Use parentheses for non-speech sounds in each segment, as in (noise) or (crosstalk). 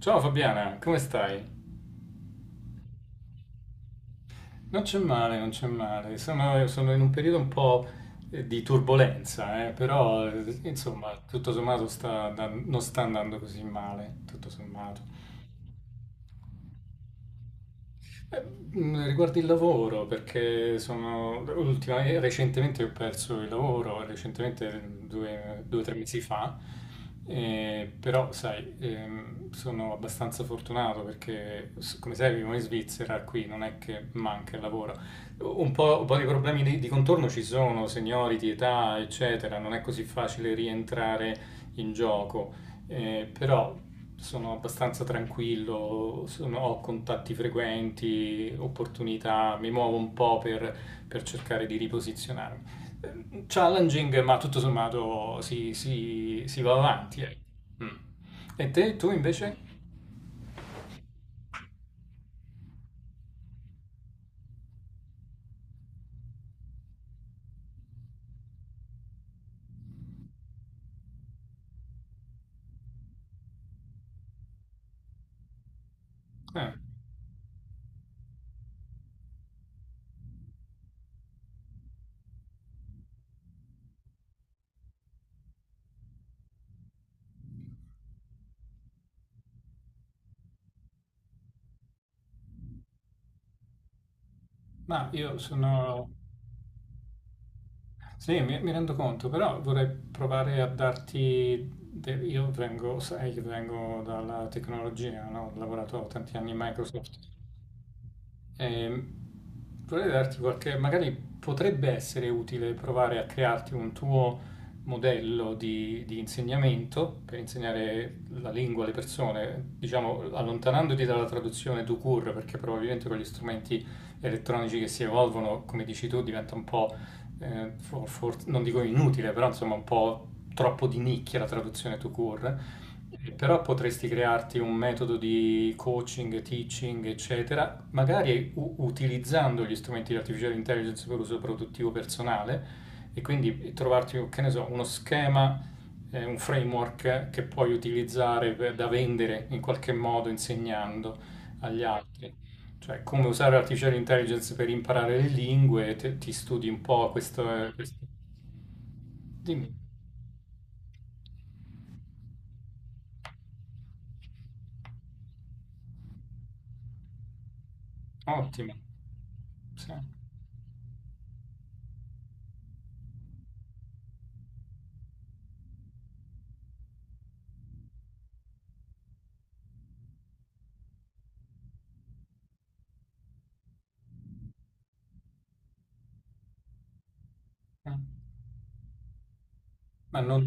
Ciao Fabiana, come stai? Non c'è male, non c'è male. Sono in un periodo un po' di turbolenza, però insomma, tutto sommato non sta andando così male, tutto sommato. Riguardo il lavoro, perché recentemente ho perso il lavoro, recentemente due o tre mesi fa, però sai, sono abbastanza fortunato perché come sai vivo in Svizzera, qui non è che manca il lavoro. Un po' di problemi di contorno ci sono, seniority, età, eccetera, non è così facile rientrare in gioco. Però sono abbastanza tranquillo, ho contatti frequenti, opportunità, mi muovo un po' per cercare di riposizionarmi. Challenging, ma tutto sommato si va avanti. Ecco. Mm. E te, tu invece? Eh, ma io sono... Sì, mi rendo conto, però vorrei provare a darti. Io vengo, sai che vengo dalla tecnologia, no? Ho lavorato tanti anni in Microsoft. Ehm, Vorrei darti qualche, magari potrebbe essere utile provare a crearti un tuo modello di insegnamento per insegnare la lingua alle persone, diciamo allontanandoti dalla traduzione do cur, perché probabilmente con gli strumenti elettronici che si evolvono, come dici tu, diventa un po', non dico inutile, però insomma un po' troppo di nicchia la traduzione do cur. Però potresti crearti un metodo di coaching, teaching, eccetera, magari utilizzando gli strumenti di artificial intelligence per uso produttivo personale e quindi trovarti, che ne so, uno schema, un framework che puoi utilizzare da vendere in qualche modo insegnando agli altri. Cioè, come usare artificial intelligence per imparare le lingue, ti studi un po' questo. Dimmi, ottimo, sì. Ma non.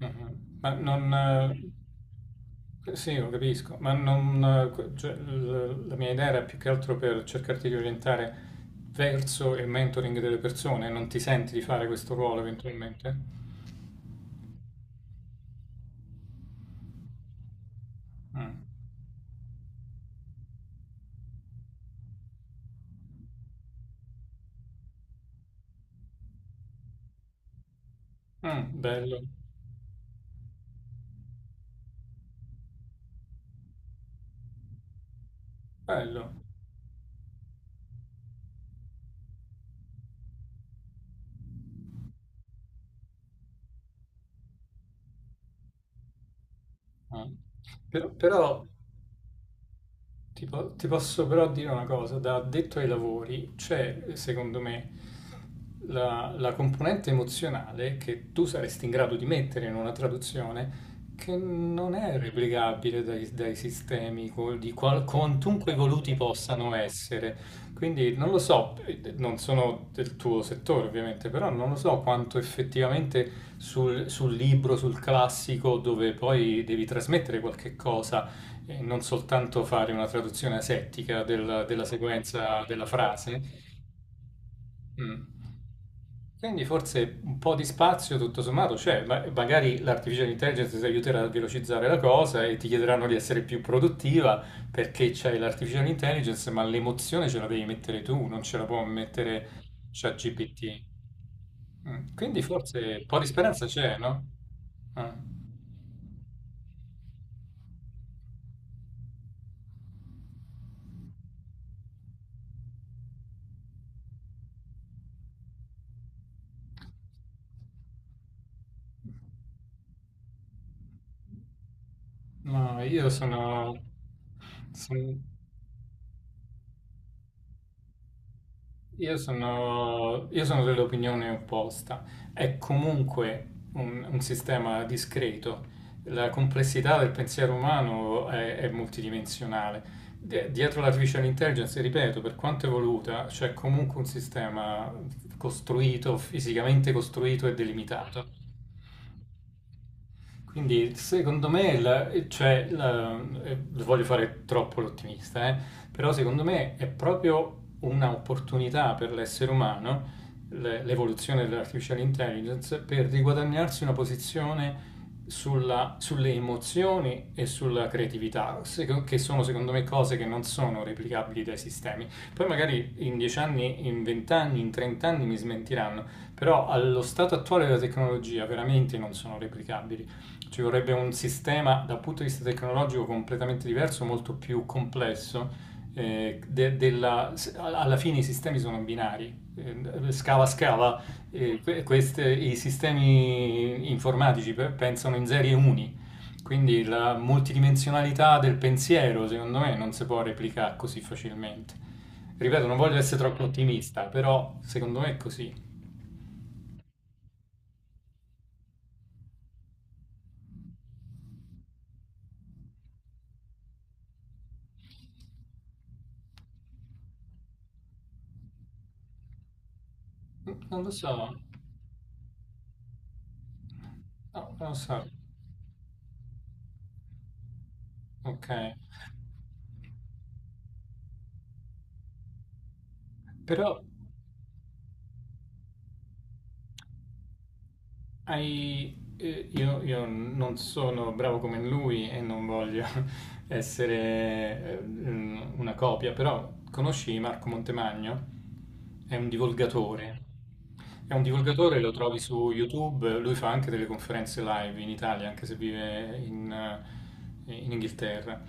Mhm. Ma non. Sì, lo capisco, ma non, cioè, la mia idea era più che altro per cercarti di orientare verso il mentoring delle persone. Non ti senti di fare questo ruolo eventualmente? Mm. Mm, bello, bello. Mm. Però, ti posso però dire una cosa, da addetto ai lavori c'è, secondo me, la componente emozionale che tu saresti in grado di mettere in una traduzione che non è replicabile dai sistemi di quantunque evoluti possano essere. Quindi non lo so, non sono del tuo settore ovviamente, però non lo so quanto effettivamente sul libro, sul classico, dove poi devi trasmettere qualche cosa e non soltanto fare una traduzione asettica della sequenza della frase. Mm. Quindi forse un po' di spazio tutto sommato c'è, ma magari l'artificial intelligence ti aiuterà a velocizzare la cosa e ti chiederanno di essere più produttiva perché c'hai l'artificial intelligence, ma l'emozione ce la devi mettere tu, non ce la può mettere ChatGPT. Mm. Quindi forse un po' di speranza c'è, no? Ah. No, io sono... sono- Io sono, io sono dell'opinione opposta. È comunque un sistema discreto. La complessità del pensiero umano è multidimensionale. Dietro l'artificial intelligence, ripeto, per quanto evoluta, c'è comunque un sistema costruito, fisicamente costruito e delimitato. Quindi secondo me, cioè, voglio fare troppo l'ottimista, però secondo me è proprio un'opportunità per l'essere umano, l'evoluzione dell'artificial intelligence, per riguadagnarsi una posizione sulle emozioni e sulla creatività, che sono secondo me cose che non sono replicabili dai sistemi. Poi magari in 10 anni, in 20 anni, in 30 anni mi smentiranno, però allo stato attuale della tecnologia veramente non sono replicabili. Ci vorrebbe un sistema dal punto di vista tecnologico completamente diverso, molto più complesso. Alla fine i sistemi sono binari, scala, i sistemi informatici pensano in serie uni, quindi la multidimensionalità del pensiero, secondo me, non si può replicare così facilmente. Ripeto, non voglio essere troppo ottimista, però secondo me è così. Non lo so, no, non lo so, ok. Però io non sono bravo come lui e non voglio (laughs) essere una copia, però conosci Marco Montemagno? È un divulgatore. È un divulgatore, lo trovi su YouTube, lui fa anche delle conferenze live in Italia, anche se vive in Inghilterra.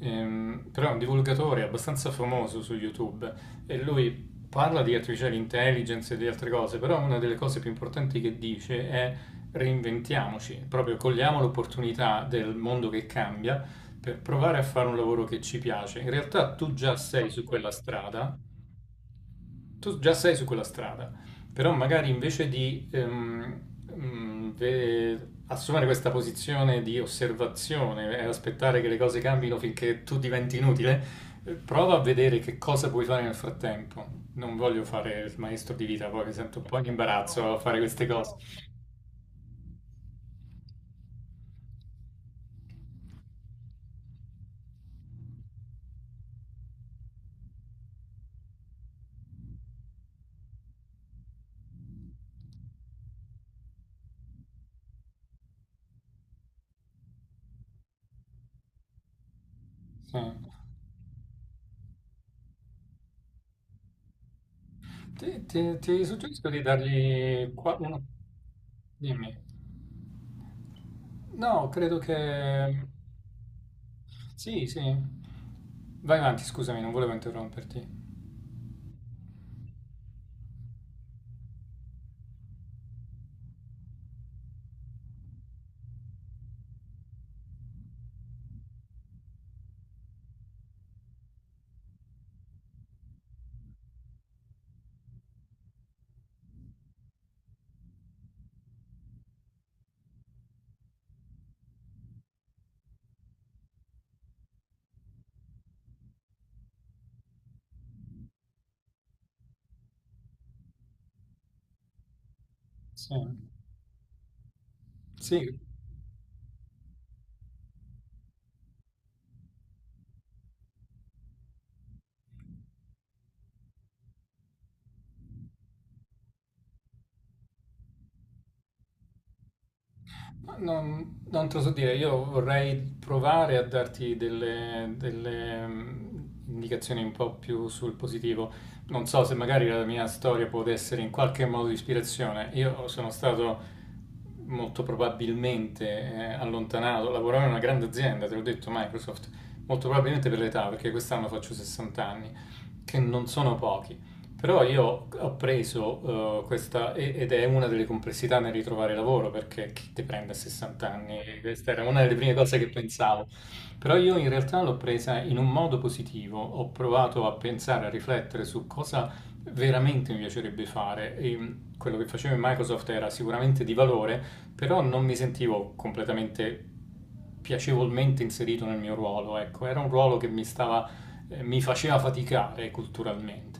Però è un divulgatore abbastanza famoso su YouTube e lui parla di artificial intelligence e di altre cose, però una delle cose più importanti che dice è reinventiamoci, proprio cogliamo l'opportunità del mondo che cambia per provare a fare un lavoro che ci piace. In realtà tu già sei su quella strada, tu già sei su quella strada, però magari invece di assumere questa posizione di osservazione e aspettare che le cose cambino finché tu diventi inutile, prova a vedere che cosa puoi fare nel frattempo. Non voglio fare il maestro di vita, poi mi sento un po' in imbarazzo a fare queste cose. Sì. Ti suggerisco di dargli qua una. Dimmi. No, credo che. Sì, sì. Vai avanti, scusami, non volevo interromperti. Sì, sì. Ma non te lo so dire, io vorrei provare a darti delle indicazioni un po' più sul positivo. Non so se magari la mia storia può essere in qualche modo di ispirazione. Io sono stato molto probabilmente allontanato, lavoravo in una grande azienda, te l'ho detto Microsoft, molto probabilmente per l'età, perché quest'anno faccio 60 anni, che non sono pochi. Però io ho preso questa, ed è una delle complessità nel ritrovare lavoro, perché chi ti prende a 60 anni? Questa era una delle prime cose che pensavo. Però io in realtà l'ho presa in un modo positivo, ho provato a pensare, a riflettere su cosa veramente mi piacerebbe fare. E quello che facevo in Microsoft era sicuramente di valore, però non mi sentivo completamente piacevolmente inserito nel mio ruolo, ecco, era un ruolo che mi faceva faticare culturalmente.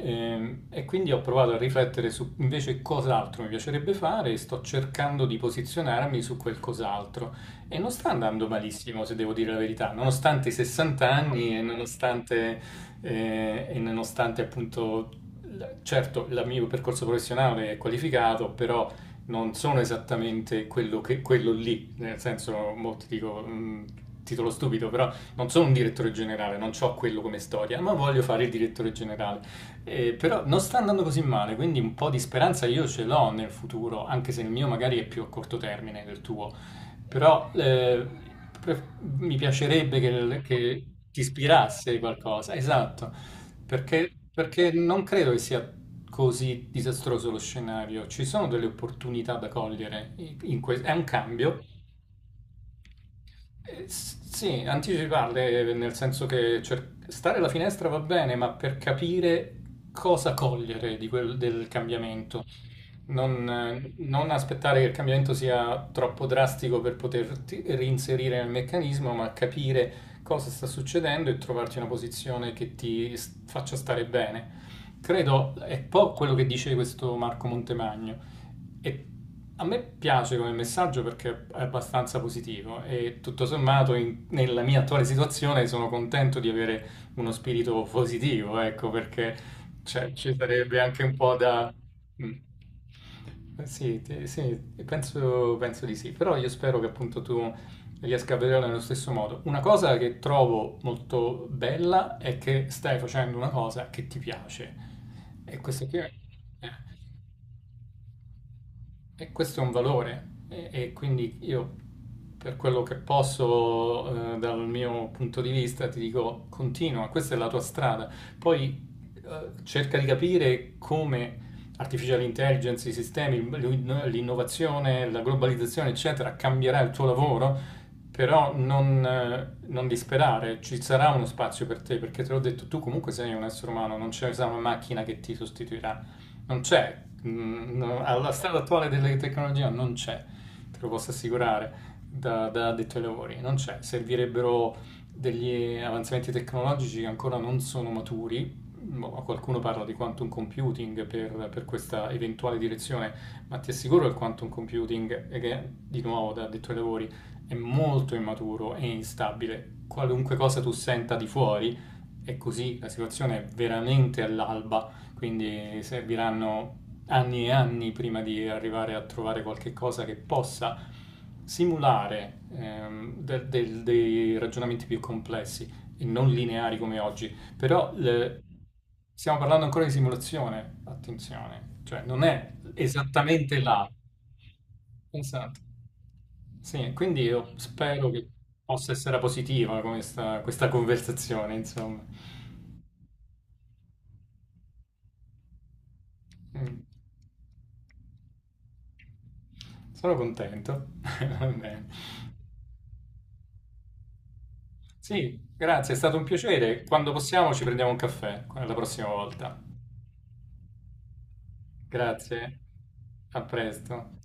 E quindi ho provato a riflettere su invece cos'altro mi piacerebbe fare e sto cercando di posizionarmi su quel cos'altro. E non sta andando malissimo, se devo dire la verità, nonostante i 60 anni e nonostante appunto certo il mio percorso professionale è qualificato, però non sono esattamente quello, che, quello lì, nel senso, molti dico, titolo stupido, però non sono un direttore generale, non ho quello come storia, ma voglio fare il direttore generale. Però non sta andando così male, quindi un po' di speranza io ce l'ho nel futuro, anche se il mio magari è più a corto termine del tuo. Però pre- mi piacerebbe che ti ispirasse qualcosa, esatto. Perché non credo che sia così disastroso lo scenario, ci sono delle opportunità da cogliere, è un cambio. Sì, anticiparle nel senso che stare alla finestra va bene, ma per capire cosa cogliere di del cambiamento non aspettare che il cambiamento sia troppo drastico per poterti reinserire nel meccanismo, ma capire cosa sta succedendo e trovarti una posizione che ti faccia stare bene. Credo è un po' quello che dice questo Marco Montemagno e a me piace come messaggio perché è abbastanza positivo e tutto sommato nella mia attuale situazione sono contento di avere uno spirito positivo, ecco, perché cioè, ci sarebbe anche un po' da. Mm. Sì, sì, penso di sì, però io spero che appunto tu riesca a vederla nello stesso modo. Una cosa che trovo molto bella è che stai facendo una cosa che ti piace e questo qui è. E questo è un valore e quindi io per quello che posso dal mio punto di vista ti dico continua, questa è la tua strada. Poi cerca di capire come artificial intelligence, i sistemi, l'innovazione, la globalizzazione, eccetera, cambierà il tuo lavoro, però non disperare, ci sarà uno spazio per te, perché te l'ho detto, tu comunque sei un essere umano, non c'è una macchina che ti sostituirà non c'è, no, alla strada attuale della tecnologia non c'è, te lo posso assicurare da addetto ai lavori, non c'è, servirebbero degli avanzamenti tecnologici che ancora non sono maturi. Boh, qualcuno parla di quantum computing per questa eventuale direzione, ma ti assicuro che il quantum computing, che di nuovo da addetto ai lavori, è molto immaturo e instabile. Qualunque cosa tu senta di fuori, è così, la situazione è veramente all'alba, quindi serviranno anni e anni prima di arrivare a trovare qualche cosa che possa simulare dei ragionamenti più complessi e non lineari come oggi. Però stiamo parlando ancora di simulazione, attenzione, cioè non è esattamente là. Esatto. Sì, quindi io spero che possa essere positiva questa, conversazione, insomma. Mm, sono contento. (laughs) Va bene. Sì, grazie, è stato un piacere. Quando possiamo ci prendiamo un caffè, la prossima volta. Grazie, a presto.